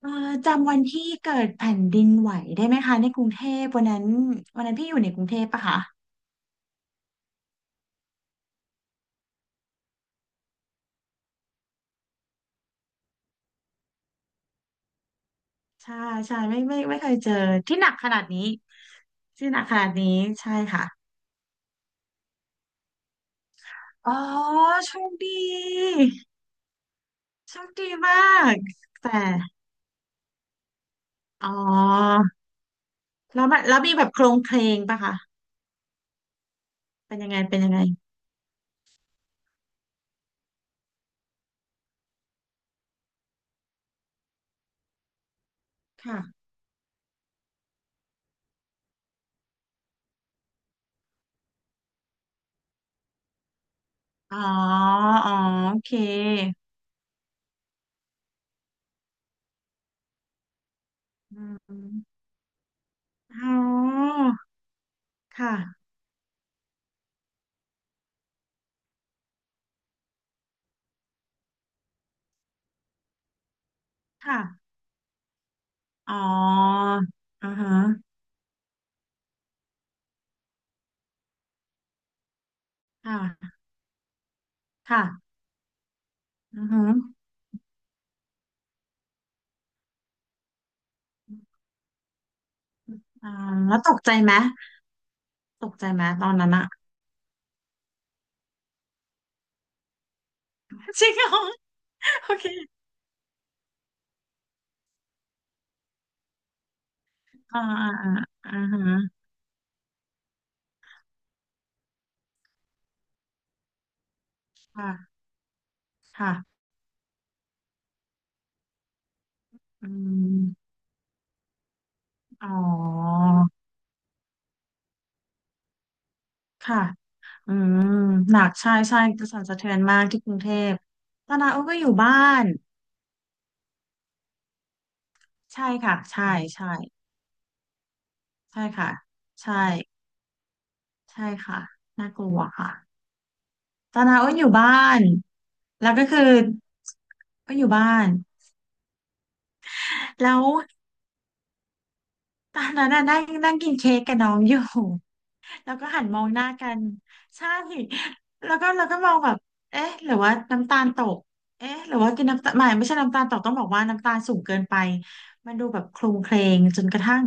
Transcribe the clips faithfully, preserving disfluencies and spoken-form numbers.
เอ่อจำวันที่เกิดแผ่นดินไหวได้ไหมคะในกรุงเทพวันนั้นวันนั้นพี่อยู่ในกรุงเทพปะคะใช่ใช่ไม่ไม่ไม่เคยเจอที่หนักขนาดนี้ที่หนักขนาดนี้ใช่ค่ะอ๋อโชคดีโชคดีมากแต่อ๋อแล้วมันแล้วมีแบบโครงเคลงปะคะเป็นยังไงเป็นยังไงค่ะอ๋ออ๋อโอเคอืมอ๋อค่ะค่ะอ๋ออ่าฮะ ค่ะค่ะอือหืออ่าแล้วตกใจไหมตกใจไหมตอนนั้นอะ จริงเหรอโอเคอ่าอ่าอ่าอ่าฮะค่ะค่ะอืมอ๋อค่ะอืมหนักใช่ใช่กระแสนสะเทือนมากที่กรุงเทพตอนนั้นโอ้ก็อยู่บ้านใช่ค่ะใช่ใช่ใช่ค่ะใช่ใช่ค่ะน่ากลัวค่ะตอนนั้นโอ้อยู่บ้านแล้วก็คือก็อยู่บ้านแล้ว ตอนนั้นน่ะนั่งนั่งกินเค้กกับน้องอยู่ แล้วก็หันมองหน้ากันใช่แล้วก็แล้วก็มองแบบเอ๊ะหรือว่าน้ำตาลตกเอ๊ะหรือว่ากินน้ำตาลไม่ไม่ใช่น้ำตาลตกต้องบอกว่าน้ำตาลสูงเกินไปมันดูแบบโคลุเครงจนกระทั่ง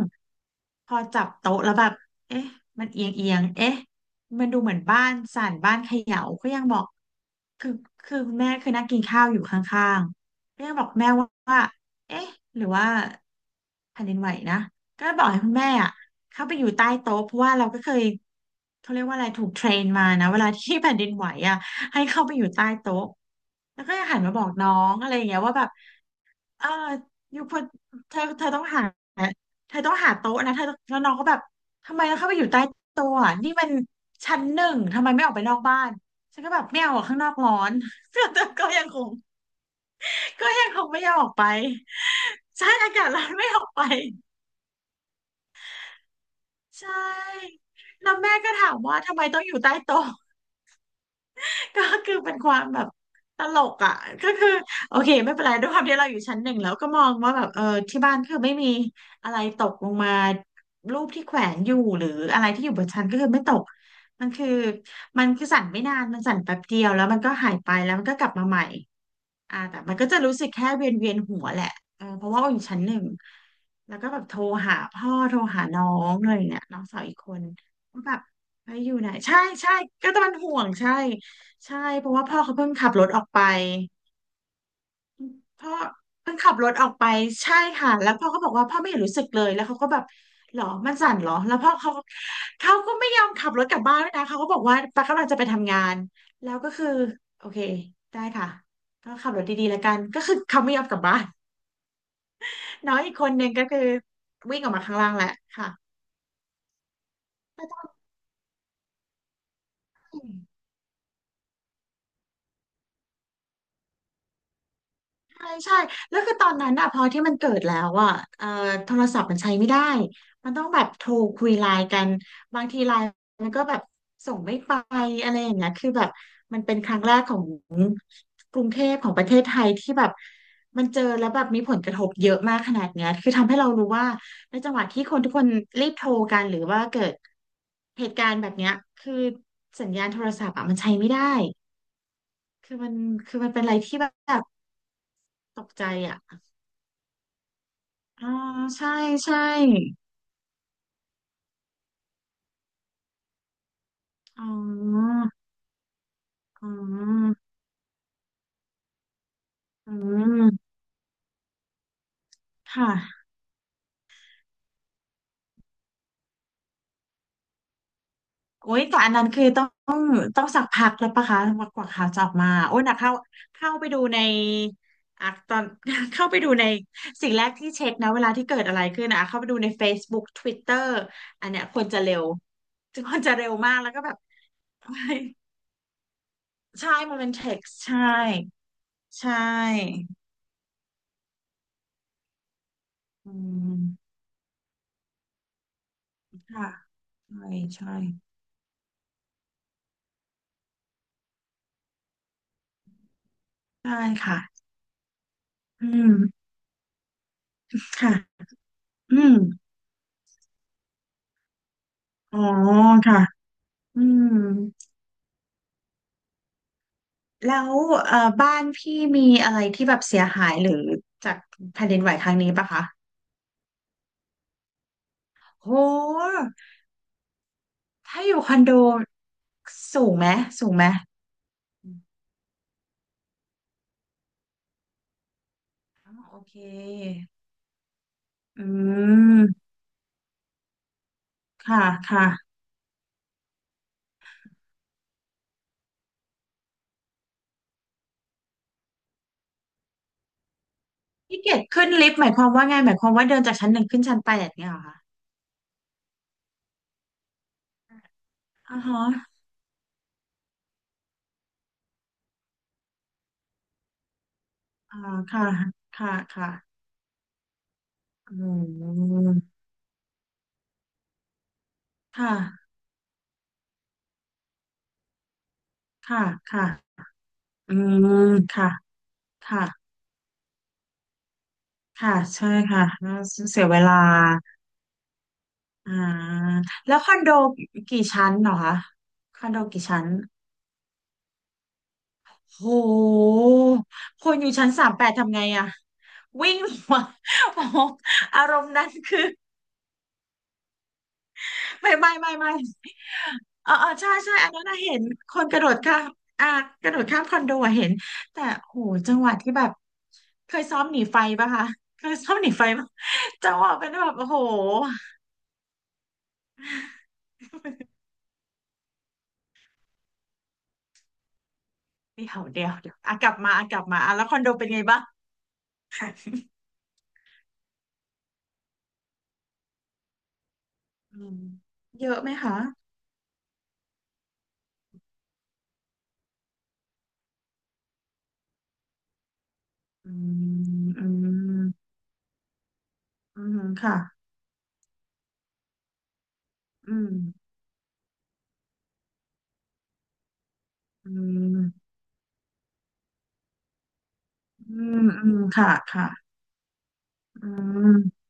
พอจับโต๊ะแล้วแบบเอ๊ะมันเอียงเอียงเอ๊ะมันดูเหมือนบ้านสั่นบ้านเขย่าก็ยังบอกคือคือคุณแม่คือนั่งกินข้าวอยู่ข้างๆก็ยังบอกแม่ว่าเอ๊ะหรือว่าแผ่นดินไหวนะ ก็บอกให้คุณแม่อ่ะเข้าไปอยู่ใต้โต๊ะเพราะว่าเราก็เคยเขาเรียกว่าอะไรถูกเทรนมานะเวลาที่แผ่นดินไหวอ่ะให้เข้าไปอยู่ใต้โต๊ะแล้วก็หันมาบอกน้องอะไรอย่างเงี้ยว่าแบบเอออยู่คนเธอเธอต้องหาเธอต้องหาโต๊ะนะเธอต้องแล้วน้องก็แบบทำไมต้องเข้าไปอยู่ใต้โต๊ะอะนี่มันชั้นหนึ่งทำไมไม่ออกไปนอกบ้านฉันก็แบบไม่เอาอะข้างนอกร้อน แต่ก็ยังคงก็ยังคงไม่ยอมออกไป ใช่อากาศร้อนไม่ออกไป ใช่แล้วแม่ก็ถามว่าทำไมต้องอยู่ใต้โต๊ะ ก็คือเป็นความแบบตลกอ่ะก็คือโอเคไม่เป็นไรด้วยความที่เราอยู่ชั้นหนึ่งแล้วก็มองว่าแบบเออที่บ้านคือไม่มีอะไรตกลงมารูปที่แขวนอยู่หรืออะไรที่อยู่บนชั้นก็คือไม่ตกมันคือมันคือสั่นไม่นานมันสั่นแป๊บเดียวแล้วมันก็หายไปแล้วมันก็กลับมาใหม่ อ่าแต่มันก็จะรู้สึกแค่เวียนเวียนหัวแหละเออเพราะว่าอยู่ชั้นหนึ่งแล้วก็แบบโทรหาพ่อโทรหาน้องอะไรอย่างเงี้ยน้องสาวอีกคนก็แบบไปอยู่ไหนใช่ใช่ก็จะมันห่วงใช่ใช่เพราะว่าพ่อเขาเพิ่งขับรถออกไป พ่อเพิ่งขับรถออกไปใช่ค่ะแล้วพ่อก็บอกว่าพ่อไม่เห็นรู้สึกเลยแล้วเขาก็แบบหรอมันสั่นเหรอแล้วพ่อเขาเขาก็ไม่ยอมขับรถกลับบ้านด้วยนะเขาก็บอกว่าปากกำลังจะไปทำงานแล้วก็คือโอเคได้ค่ะก็ขับรถดีๆแล้วกันก็คือเขาไม่ยอมกลับบ้านน้องอีกคนหนึงก็คือวิ่งออกมาข้างล่างแหละค่ะ ใช่ใช่แล้วคือตอนนั้นอะพอที่มันเกิดแล้วอะเอ่อโทรศัพท์มันใช้ไม่ได้มันต้องแบบโทรคุยไลน์กันบางทีไลน์มันก็แบบส่งไม่ไปอะไรอย่างเงี้ยคือแบบมันเป็นครั้งแรกของกรุงเทพของประเทศไทยที่แบบมันเจอแล้วแบบมีผลกระทบเยอะมากขนาดเนี้ยคือทำให้เรารู้ว่าในจังหวะที่คนทุกคนรีบโทรกันหรือว่าเกิดเหตุการณ์แบบเนี้ยคือสัญญาณโทรศัพท์อะมันใช้ไม่ได้คือมันคือมันเป็นอะไรที่แบบตกใจอ่ะ อ๋อใช่ใช่อ๋อ อ๋ออืมค่ะ โอ้ยแต่อันนั้นคือต้องต้องสักพักแล้วปะคะกว่ากว่าข่าวจะออกมา โอ้ยนะเข้าเข้าไปดูในอ่ะตอน เข้าไปดูในสิ่งแรกที่เช็คนะเวลาที่เกิดอะไรขึ้นนะเข้าไปดูใน เฟซบุ๊ก ทวิตเตอร์ อันเนี้ยควรจะเร็วควรจะเร็วมากแล้วก็แบบ เฮ้ยใช่มันเป็นเท็กซ์ใช่ใช่อืมค่ะใช่ใช่ใช่ค่ะอืม ค่ะ อืมอ๋อค่ะ อืม แล้วเอ่อบ้านพี่มีอะไรที่แบบเสียหายหรือจากแผ่นดินไหวครั้งนี้ปะคะโหถ้าอยู่คอนโดสูงไหมสูงไหมอืมโอเค อืม ค่ะ ค่ะพี่เกดขึ้นลิฟต์หมายความว่าไงหมายความว่าเดินจากชั้นหนึ่งขึ้นชั้นแปดเนี่ยเหรอคะอ๋อฮะอ่าค่ะค่ะค่ะอืมค่ะค่ะค่ะอืมค่ะค่ะ ค่ะใช่ค่ะแล้วเสียเวลาอ่าแล้วคอนโดกี่ชั้นเหรอคะคอนโดกี่ชั้นโหคนอยู่ชั้นสามแปดทำไงอะวิ่งลงมา โอ้โหอารมณ์นั้นคือไม่ไม่ไม่ไม่เออเออใช่ใช่อันนั้นน่ะเห็นคนกระโดดข้ามอ่ากระโดดข้ามคอนโดอะเห็นแต่โหจังหวะที่แบบเคยซ้อมหนีไฟปะคะเคยซ้อมหนีไฟปะจังหวะเป็นแบบโอ้โห เดี๋ยวเดี๋ยวเดี๋ยวอ่ะกลับมาอ่ะกลับมาอ่ะแล้วคอนโดเป็นไงบ้างอืมเยอะไหมคะอืมอืมอืมค่ะอืมอืมอืมอืมค่ะค่ะอืม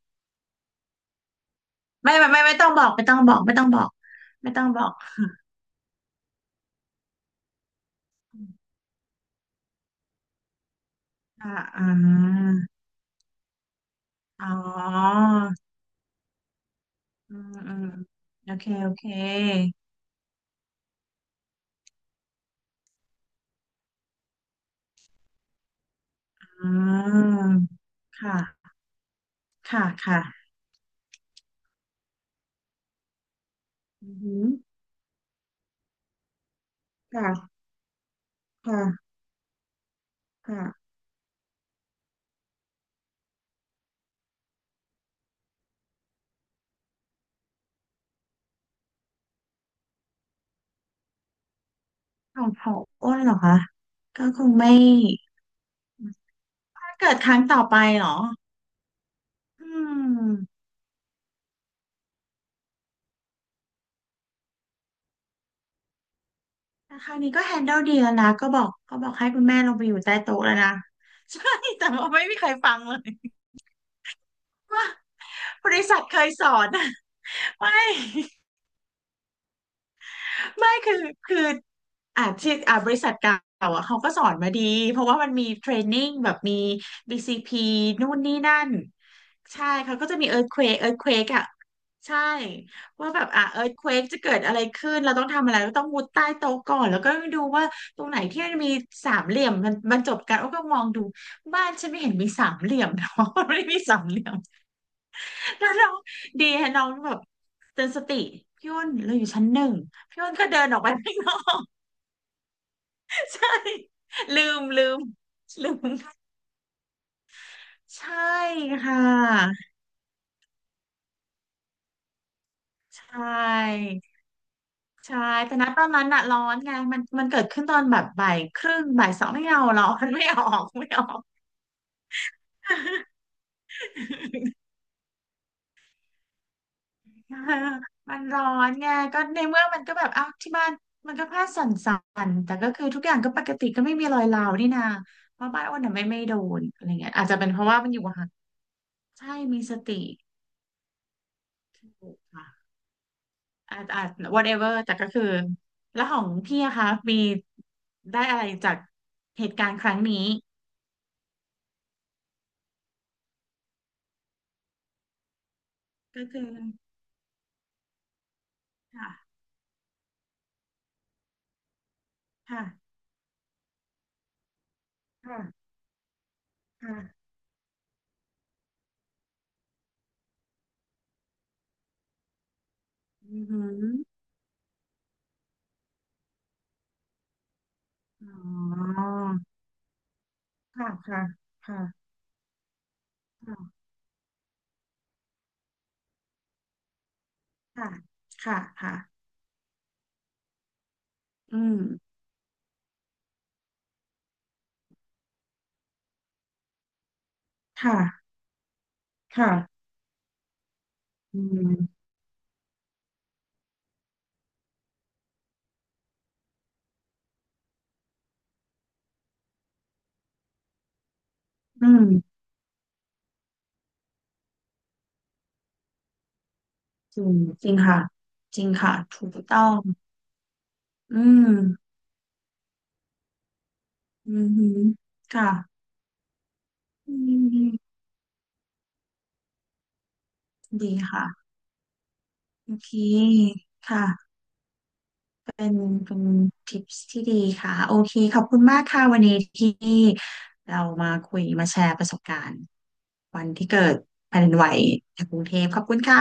ไม่ไม่ไม่ไม่ต้องบอกไม่ต้องบอกไม่ต้องบอกไม่ต้องบอกค่ะอ่าอ๋ออืมอืมโอเคโอเคอืมค่ะค่ะค่ะอืมค่ะค่ะค่ะ ของขออ้นเหรอคะก็คงไม่ถ้าเกิดครั้งต่อไปเหรออืมแต่คราวนี้ก็แฮนเดิลดีแล้วนะก็บอกก็บอกให้คุณแม่ลงไปอยู่ใต้โต๊ะแล้วนะ ใช่แต่ว่าไม่มีใครฟังเลย ว่าบริษัทเคยสอนอะ ไม่ ไม่คือคืออ่าที่อ่าบริษัทเก่าอ่ะเขาก็สอนมาดีเพราะว่ามันมีเทรนนิ่งแบบมี บี ซี พี นู่นนี่นั่นใช่เขาก็จะมีเอิร์ q เควกเอิร์ q เควกอ่ะใช่ว่าแบบอ่ะเอิร์ q เควกจะเกิดอะไรขึ้นเราต้องทำอะไรก็ต้องมุดใต้โต๊ะก่อนแล้วก็ดูว่าตรงไหนที่มันมีสามเหลี่ยมมันบรรจบกันอ้วก็มองดูบ้านฉันไม่เห็นมีสามเหลี่ยมเนาะ ไม่ได้มีสามเหลี่ยมแล้วน้องดีฮะน้องแบบเตือนสติพี่อ้นเราอยู่ชั้นหนึ่ง พี่อ้นก็เดินออกไปข้างนอก ใช่ลืมลืมลืมใช่ค่ะใช่ใช่แต่ณตอนนั้นอะร้อนไงมันมันเกิดขึ้นตอนแบบบ่ายครึ่งบ่ายสองไม่เอาหรอก มันไม่ออกไม่ออก เออมันร้อนไงก็ในเมื่อมันก็แบบอ้าวที่บ้านมันก็ผ้าสั่นๆแต่ก็คือทุกอย่างก็ปกติก็ไม่มีรอยร้าวนี่นาเพราะบ้านอ้วนน่ะไม่ไม่โดนอะไรเงี้ยอาจจะเป็นเพราะว่ามันอยู่ห่างใช่มีสติถูกค่ะ อาจอาจ whatever แต่ก็คือแล้วของพี่อะคะมีได้อะไรจากเหตุการณ์ครั้งนี้ก็คือค่ะค่ะค่ะค่ะอือหืออ๋อค่ะค่ะค่ะค่ะค่ะค่ะค่ะอืมค่ะค่ะอืมอืมจริงจริงค่ะจริงค่ะถูกต้องอืมอือือค่ะอืมดีค่ะโอเคค่ะ เป็นเป็นทิปที่ดีค่ะโอเคขอบคุณมากค่ะวันนี้ที่เรามาคุยมาแชร์ประสบการณ์วันที่เกิดแผ่นดินไหวในกรุงเทพขอบคุณค่ะ